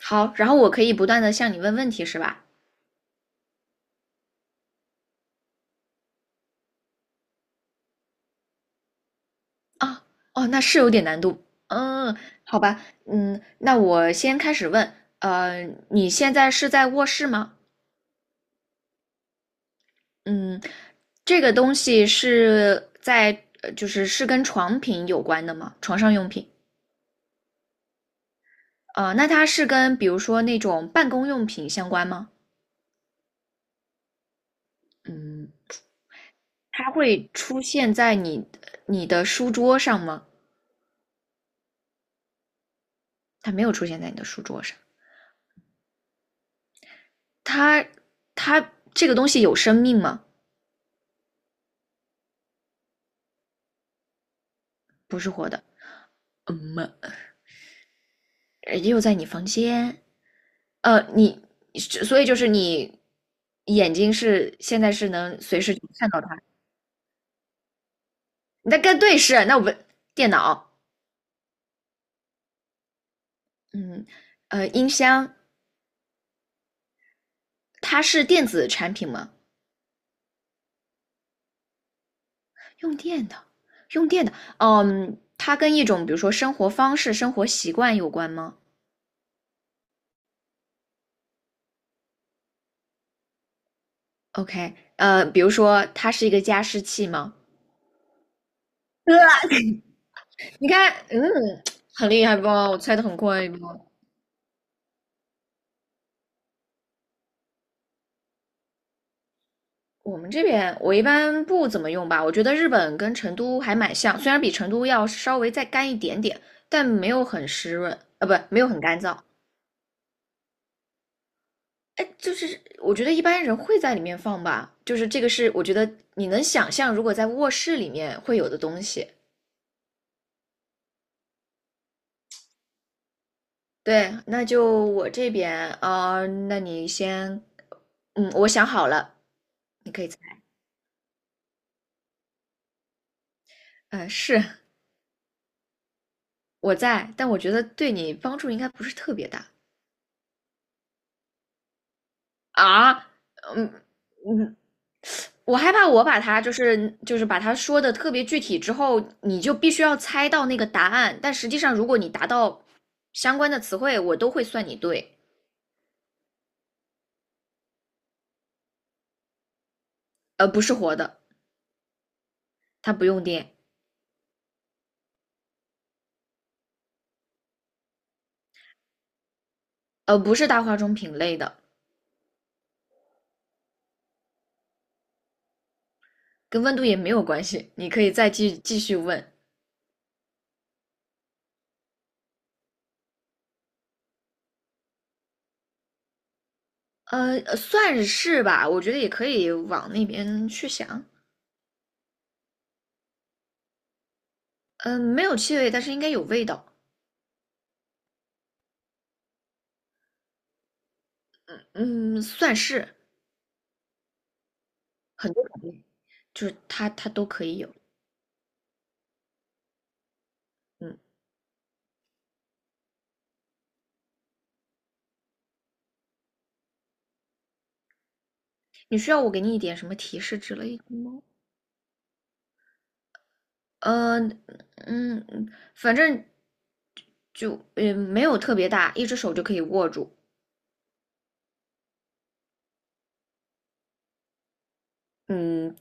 好，然后我可以不断的向你问问题，是吧？啊，哦，那是有点难度。嗯，好吧，那我先开始问。你现在是在卧室吗？嗯，这个东西是在，就是跟床品有关的吗？床上用品。呃，那它是跟比如说那种办公用品相关吗？嗯，它会出现在你的书桌上吗？它没有出现在你的书桌上。它它这个东西有生命吗？不是活的，嗯嘛，又在你房间，呃，你，所以就是你眼睛是现在是能随时看到它，你在跟对视，那我们电脑，嗯，呃，音箱，它是电子产品吗？用电的，用电的，哦嗯，它跟一种比如说生活方式、生活习惯有关吗？OK，比如说它是一个加湿器吗？你看，嗯，很厉害吧？我猜的很快不？我们这边我一般不怎么用吧，我觉得日本跟成都还蛮像，虽然比成都要稍微再干一点点，但没有很湿润，呃，不，没有很干燥。哎，就是我觉得一般人会在里面放吧，就是这个是我觉得你能想象，如果在卧室里面会有的东西。对，那就我这边，啊，那你先，嗯，我想好了，你可以嗯，是我在，但我觉得对你帮助应该不是特别大啊，嗯，我害怕我把它就是把它说的特别具体之后，你就必须要猜到那个答案。但实际上，如果你达到相关的词汇，我都会算你对。呃，不是活的，它不用电，呃，不是大化妆品类的，跟温度也没有关系。你可以再继续问，算是吧，我觉得也可以往那边去想。嗯、没有气味，但是应该有味道。嗯，算是很多种类就是它都可以有。嗯。你需要我给你一点什么提示之类的吗？呃，嗯，反正就没有特别大，一只手就可以握住，嗯，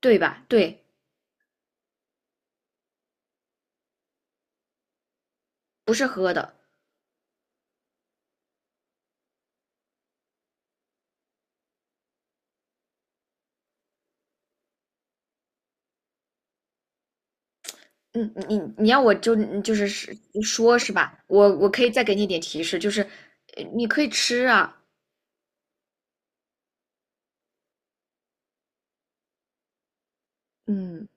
对吧？对，不是喝的。嗯，你要我就是是说是吧？我可以再给你一点提示，就是呃你可以吃啊。嗯，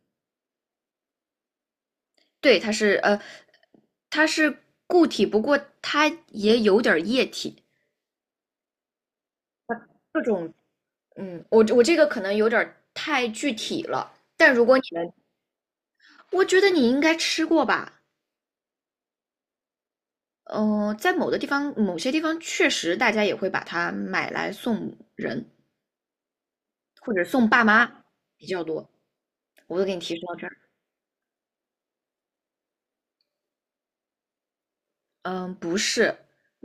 对，它是固体，不过它也有点儿液体。各种嗯，我这个可能有点儿太具体了，但如果你能我觉得你应该吃过吧？呃，在某的地方，某些地方确实大家也会把它买来送人或者送爸妈比较多。我都给你提示到这儿。嗯，不是，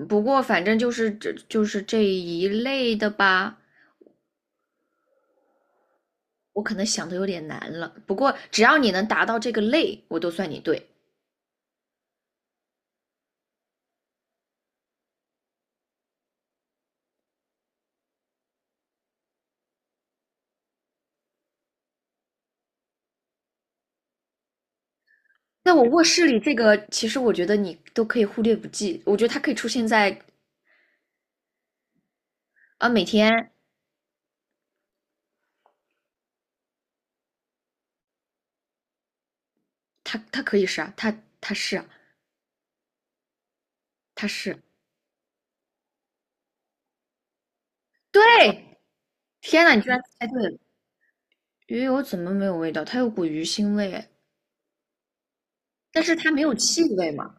不过反正就是这一类的吧。我可能想的有点难了，不过只要你能达到这个类，我都算你对。在我卧室里，这个其实我觉得你都可以忽略不计。我觉得它可以出现在啊，每天它它可以是啊，它它是啊，它是对。天呐，你居然猜对了！鱼油怎么没有味道？它有股鱼腥味哎，但是它没有气味嘛。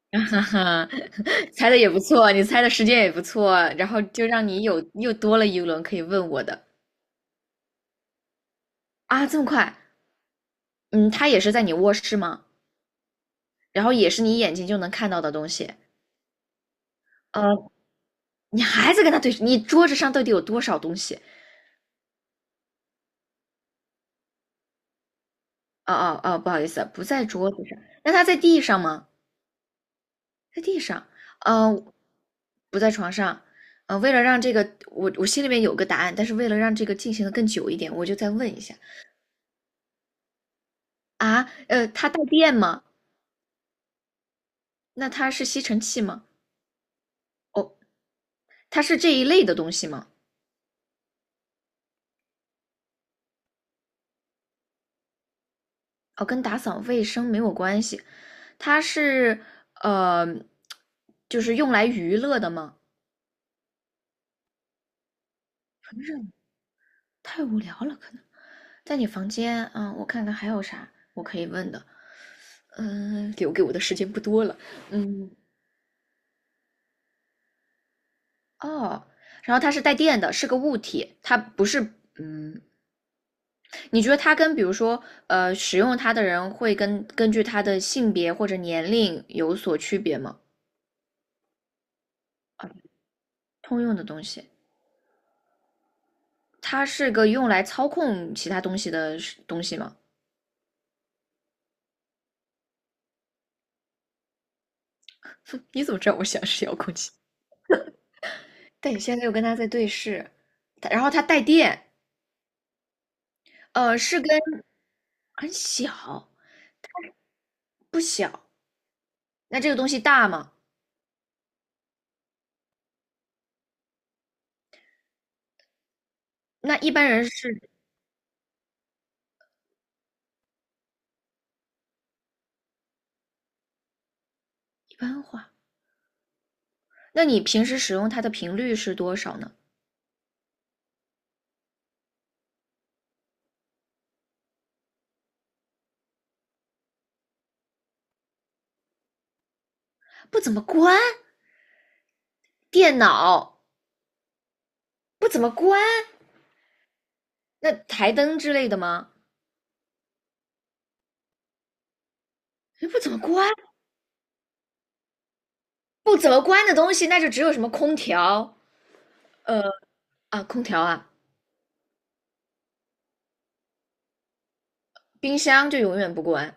哈哈，猜的也不错，你猜的时间也不错，然后就让你有又多了一轮可以问我的啊，这么快？嗯，它也是在你卧室吗？然后也是你眼睛就能看到的东西。呃，你还在跟他对，你桌子上到底有多少东西？哦哦哦，不好意思，不在桌子上。那他在地上吗？在地上，嗯、不在床上，呃，为了让这个我心里面有个答案，但是为了让这个进行的更久一点，我就再问一下啊，呃，它带电吗？那它是吸尘器吗？哦，它是这一类的东西吗？哦，跟打扫卫生没有关系，它是呃，就是用来娱乐的吗？太无聊了，可能在你房间，嗯，我看看还有啥我可以问的，嗯、留给我的时间不多了，嗯。哦，然后它是带电的，是个物体，它不是，嗯，你觉得它跟比如说，呃，使用它的人会根据它的性别或者年龄有所区别吗？通用的东西，它是个用来操控其他东西吗？哼你怎么知道我想是遥控器？但你现在又跟它在对视，它然后它带电，呃，是跟很小，不小。那这个东西大吗？那一般人是一般化那你平时使用它的频率是多少呢？不怎么关电脑，不怎么关那台灯之类的吗？哎，不怎么关，不怎么关的东西，那就只有什么空调，呃啊，空调啊，冰箱就永远不关。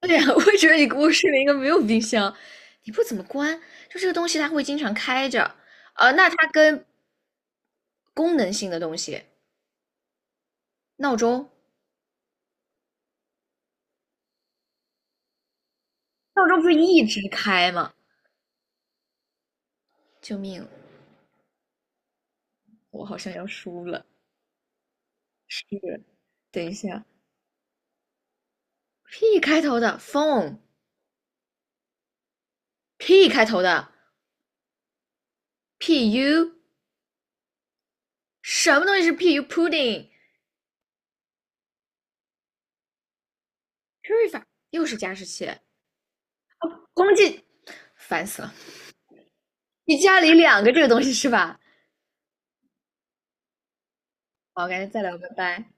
对呀，我也觉得你卧室里应该没有冰箱，你不怎么关，就这个东西它会经常开着。呃，那它跟功能性的东西，闹钟，闹钟不是一直开吗？救命，我好像要输了。是，等一下。P 开头的 phone，P 开头的 pu，什么东西是 pu pudding？purifier 又是加湿器，空气烦死了。你家里两个这个东西是吧？好，赶紧再聊，拜拜。